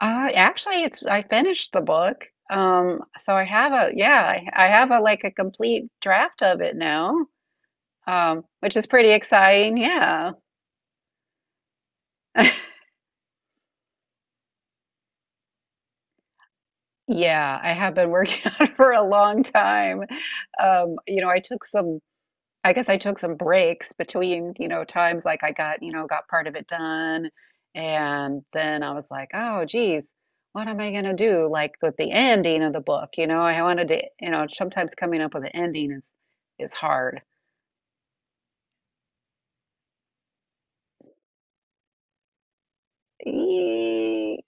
Actually, it's I finished the book. So I have a complete draft of it now, which is pretty exciting. Yeah. Yeah, I have been working on it for a long time. You know, I took some I guess I took some breaks between, you know, times like I got part of it done. And then I was like, oh, geez, what am I going to do? Like with the ending of the book, you know, I wanted to, you know, sometimes coming up with an ending is hard. E-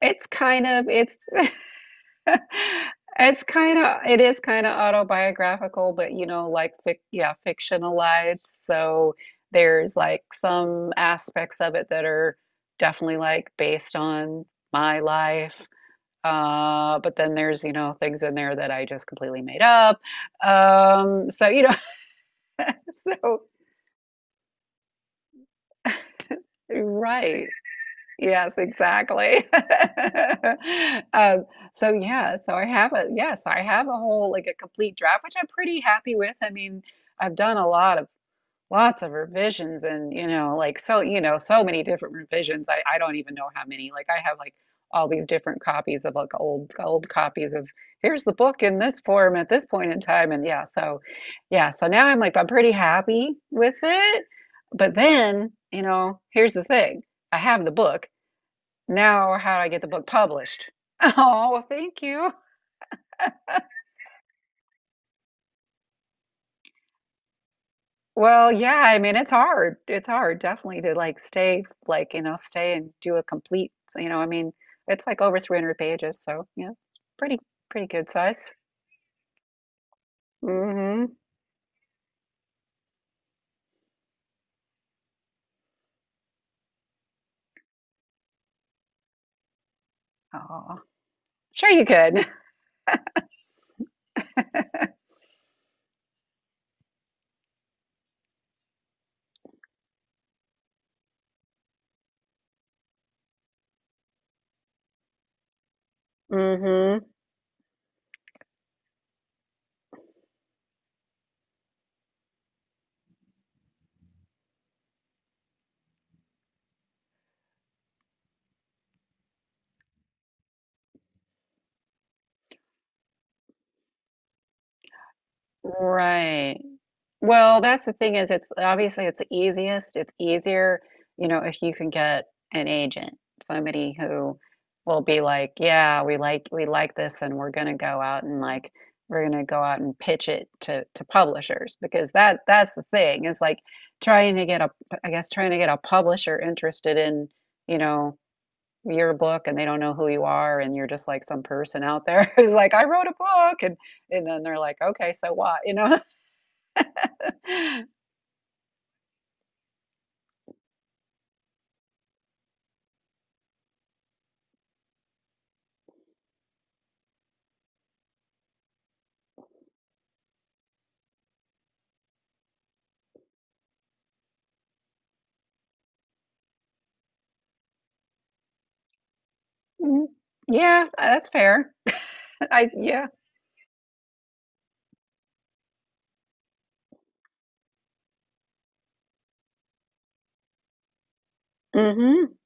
It's kind of, it's it is kind of autobiographical, but you know, like fic yeah, fictionalized. So there's like some aspects of it that are definitely like based on my life. But then there's, you know, things in there that I just completely made up. Um, so you know, so right. Yes, exactly. Um, so yeah, I have a whole like a complete draft, which I'm pretty happy with. I mean, I've done a lot of lots of revisions and you know, like so, you know, so many different revisions. I don't even know how many. Like I have like all these different copies of like old copies of here's the book in this form at this point in time. And yeah, so now I'm pretty happy with it. But then, you know, here's the thing. I have the book. Now, how do I get the book published? Oh, well, thank you. Well, yeah, I mean, it's hard. It's hard, definitely, to like stay, like, you know, stay and do a complete, you know, I mean, it's like over 300 pages, so yeah, it's pretty, pretty good size. Mm-hmm. Oh, sure you could. Mm-hmm. Right. Well, that's the thing is it's obviously it's the easiest. It's easier, you know, if you can get an agent, somebody who will be like, yeah, we like this and we're gonna go out and like we're gonna go out and pitch it to publishers because that's the thing is like trying to get a I guess trying to get a publisher interested in, you know, your book and they don't know who you are and you're just like some person out there who's like, I wrote a book and then they're like, okay, so what? You know? Mhm. Yeah, that's fair. I yeah. Hmm.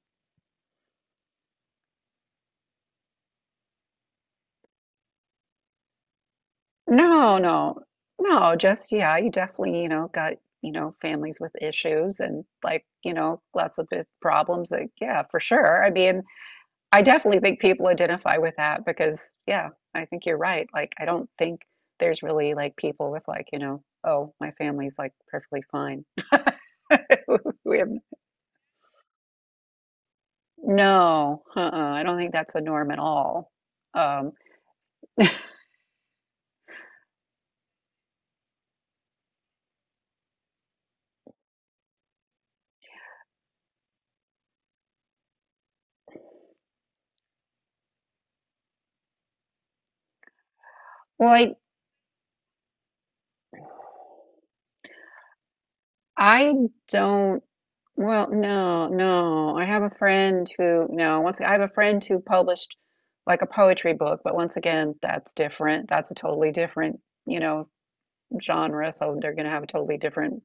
No, no. No, just yeah, you definitely, you know, got, you know, families with issues and like, you know, lots of big problems like yeah, for sure. I mean, I definitely think people identify with that because yeah, I think you're right. Like I don't think there's really like people with like, you know, oh, my family's like perfectly fine. We have no, uh-uh, I don't think that's the norm at all. Um, well, I don't, well, no, no. I have a friend who, no, once I have a friend who published like a poetry book, but once again, that's different. That's a totally different, you know, genre. So they're going to have a totally different.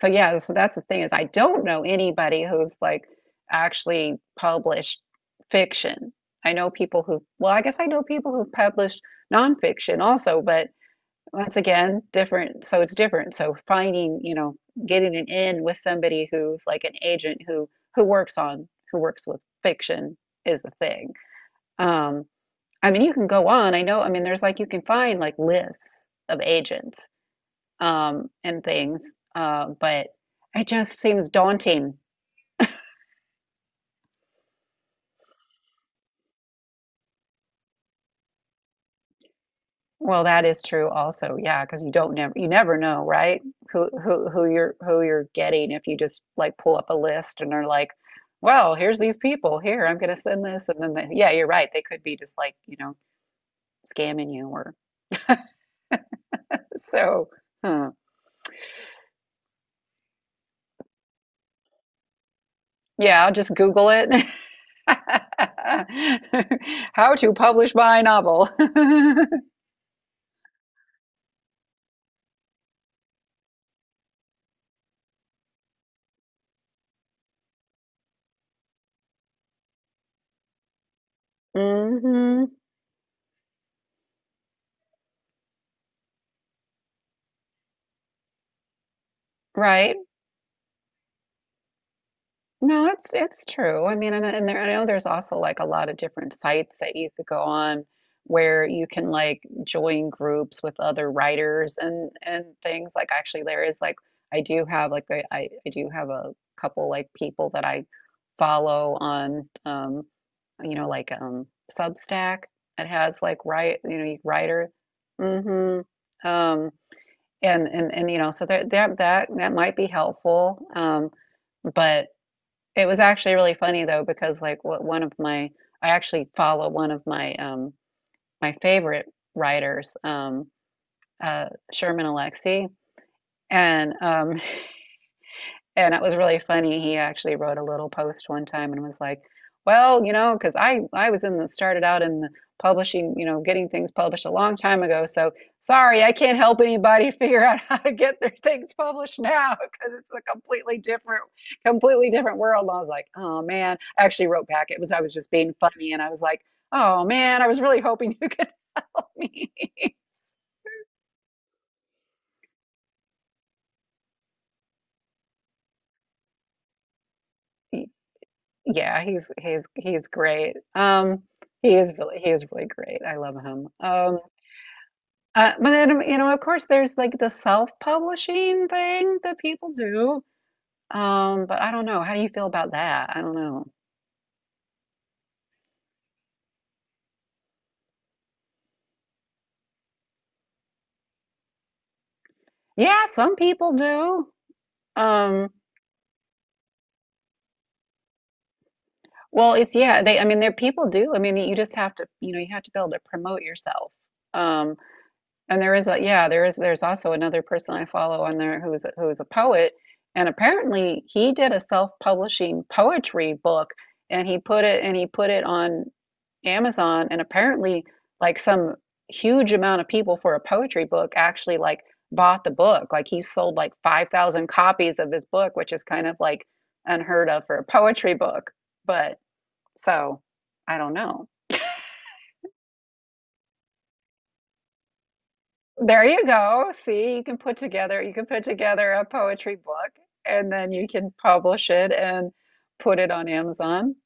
So yeah, so that's the thing is I don't know anybody who's like actually published fiction. I know people who, well, I guess I know people who've published nonfiction also, but once again, different. So it's different. So finding, you know, getting an in with somebody who's like an agent who works with fiction is the thing. Um, I mean, you can go on. I know. I mean, there's like you can find like lists of agents and things, but it just seems daunting. Well, that is true also. Yeah, because you never know, right? Who you're getting if you just like pull up a list and are like, well, here's these people. Here, I'm gonna send this, and then they, yeah, you're right. They could be just like, you know, scamming you or so. Huh. Yeah, I'll just Google it. How to publish my novel. Hmm. Right. No, it's true. I mean, and there, I know there's also like a lot of different sites that you could go on where you can like join groups with other writers and things. Like actually, there is like I I do have a couple like people that I follow on you know like Substack. It has like write you know you writer. Hmm. Um and you know so that might be helpful. But it was actually really funny though because like what one of my I actually follow one of my my favorite writers, Sherman Alexie, and um and that was really funny. He actually wrote a little post one time and was like, "Well, you know, because I was in the started out in the publishing, you know, getting things published a long time ago. So sorry, I can't help anybody figure out how to get their things published now because it's a completely different world." And I was like, "Oh man," I actually wrote back. It was I was just being funny, and I was like, "Oh man, I was really hoping you could help me." Yeah, he's great. He is really great. I love him. But then you know, of course, there's like the self-publishing thing that people do. But I don't know. How do you feel about that? I don't know. Yeah, some people do. Um, well, it's yeah. They I mean, there people do. I mean, you just have to you know you have to be able to promote yourself. Um. And there is a yeah, there is there's also another person I follow on there who's a, who's a poet, and apparently he did a self-publishing poetry book, and he put it on Amazon, and apparently like some huge amount of people for a poetry book actually like bought the book. Like he sold like 5,000 copies of his book, which is kind of like unheard of for a poetry book. But so I don't know. There you go. See, you can put together a poetry book and then you can publish it and put it on Amazon.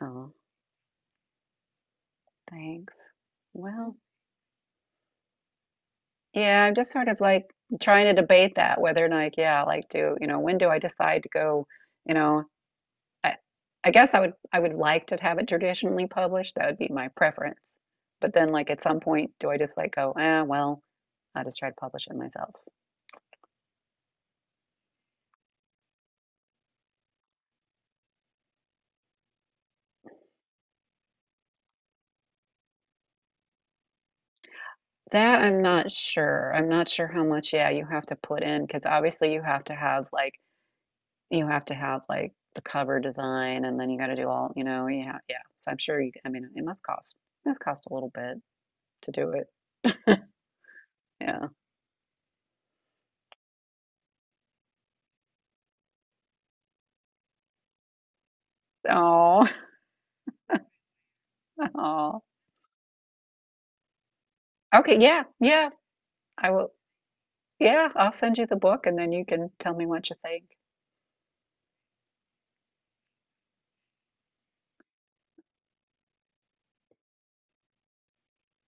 Oh, thanks. Well, yeah, I'm just sort of like trying to debate that whether or not, yeah, like do, you know, when do I decide to go, you know, I I would like to have it traditionally published. That would be my preference. But then like at some point, do I just like go, eh, well, I'll just try to publish it myself. That I'm not sure. I'm not sure how much, yeah, you have to put in because obviously you have to have like you have to have like the cover design and then you got to do all, you know, yeah, yeah. So I'm sure you, I mean, it must cost a little bit to do it. Yeah. Oh, oh. Okay, yeah, yeah. I will, yeah, I'll send you the book and then you can tell me what you think.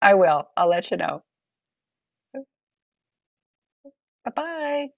I will. I'll let you know. Bye-bye.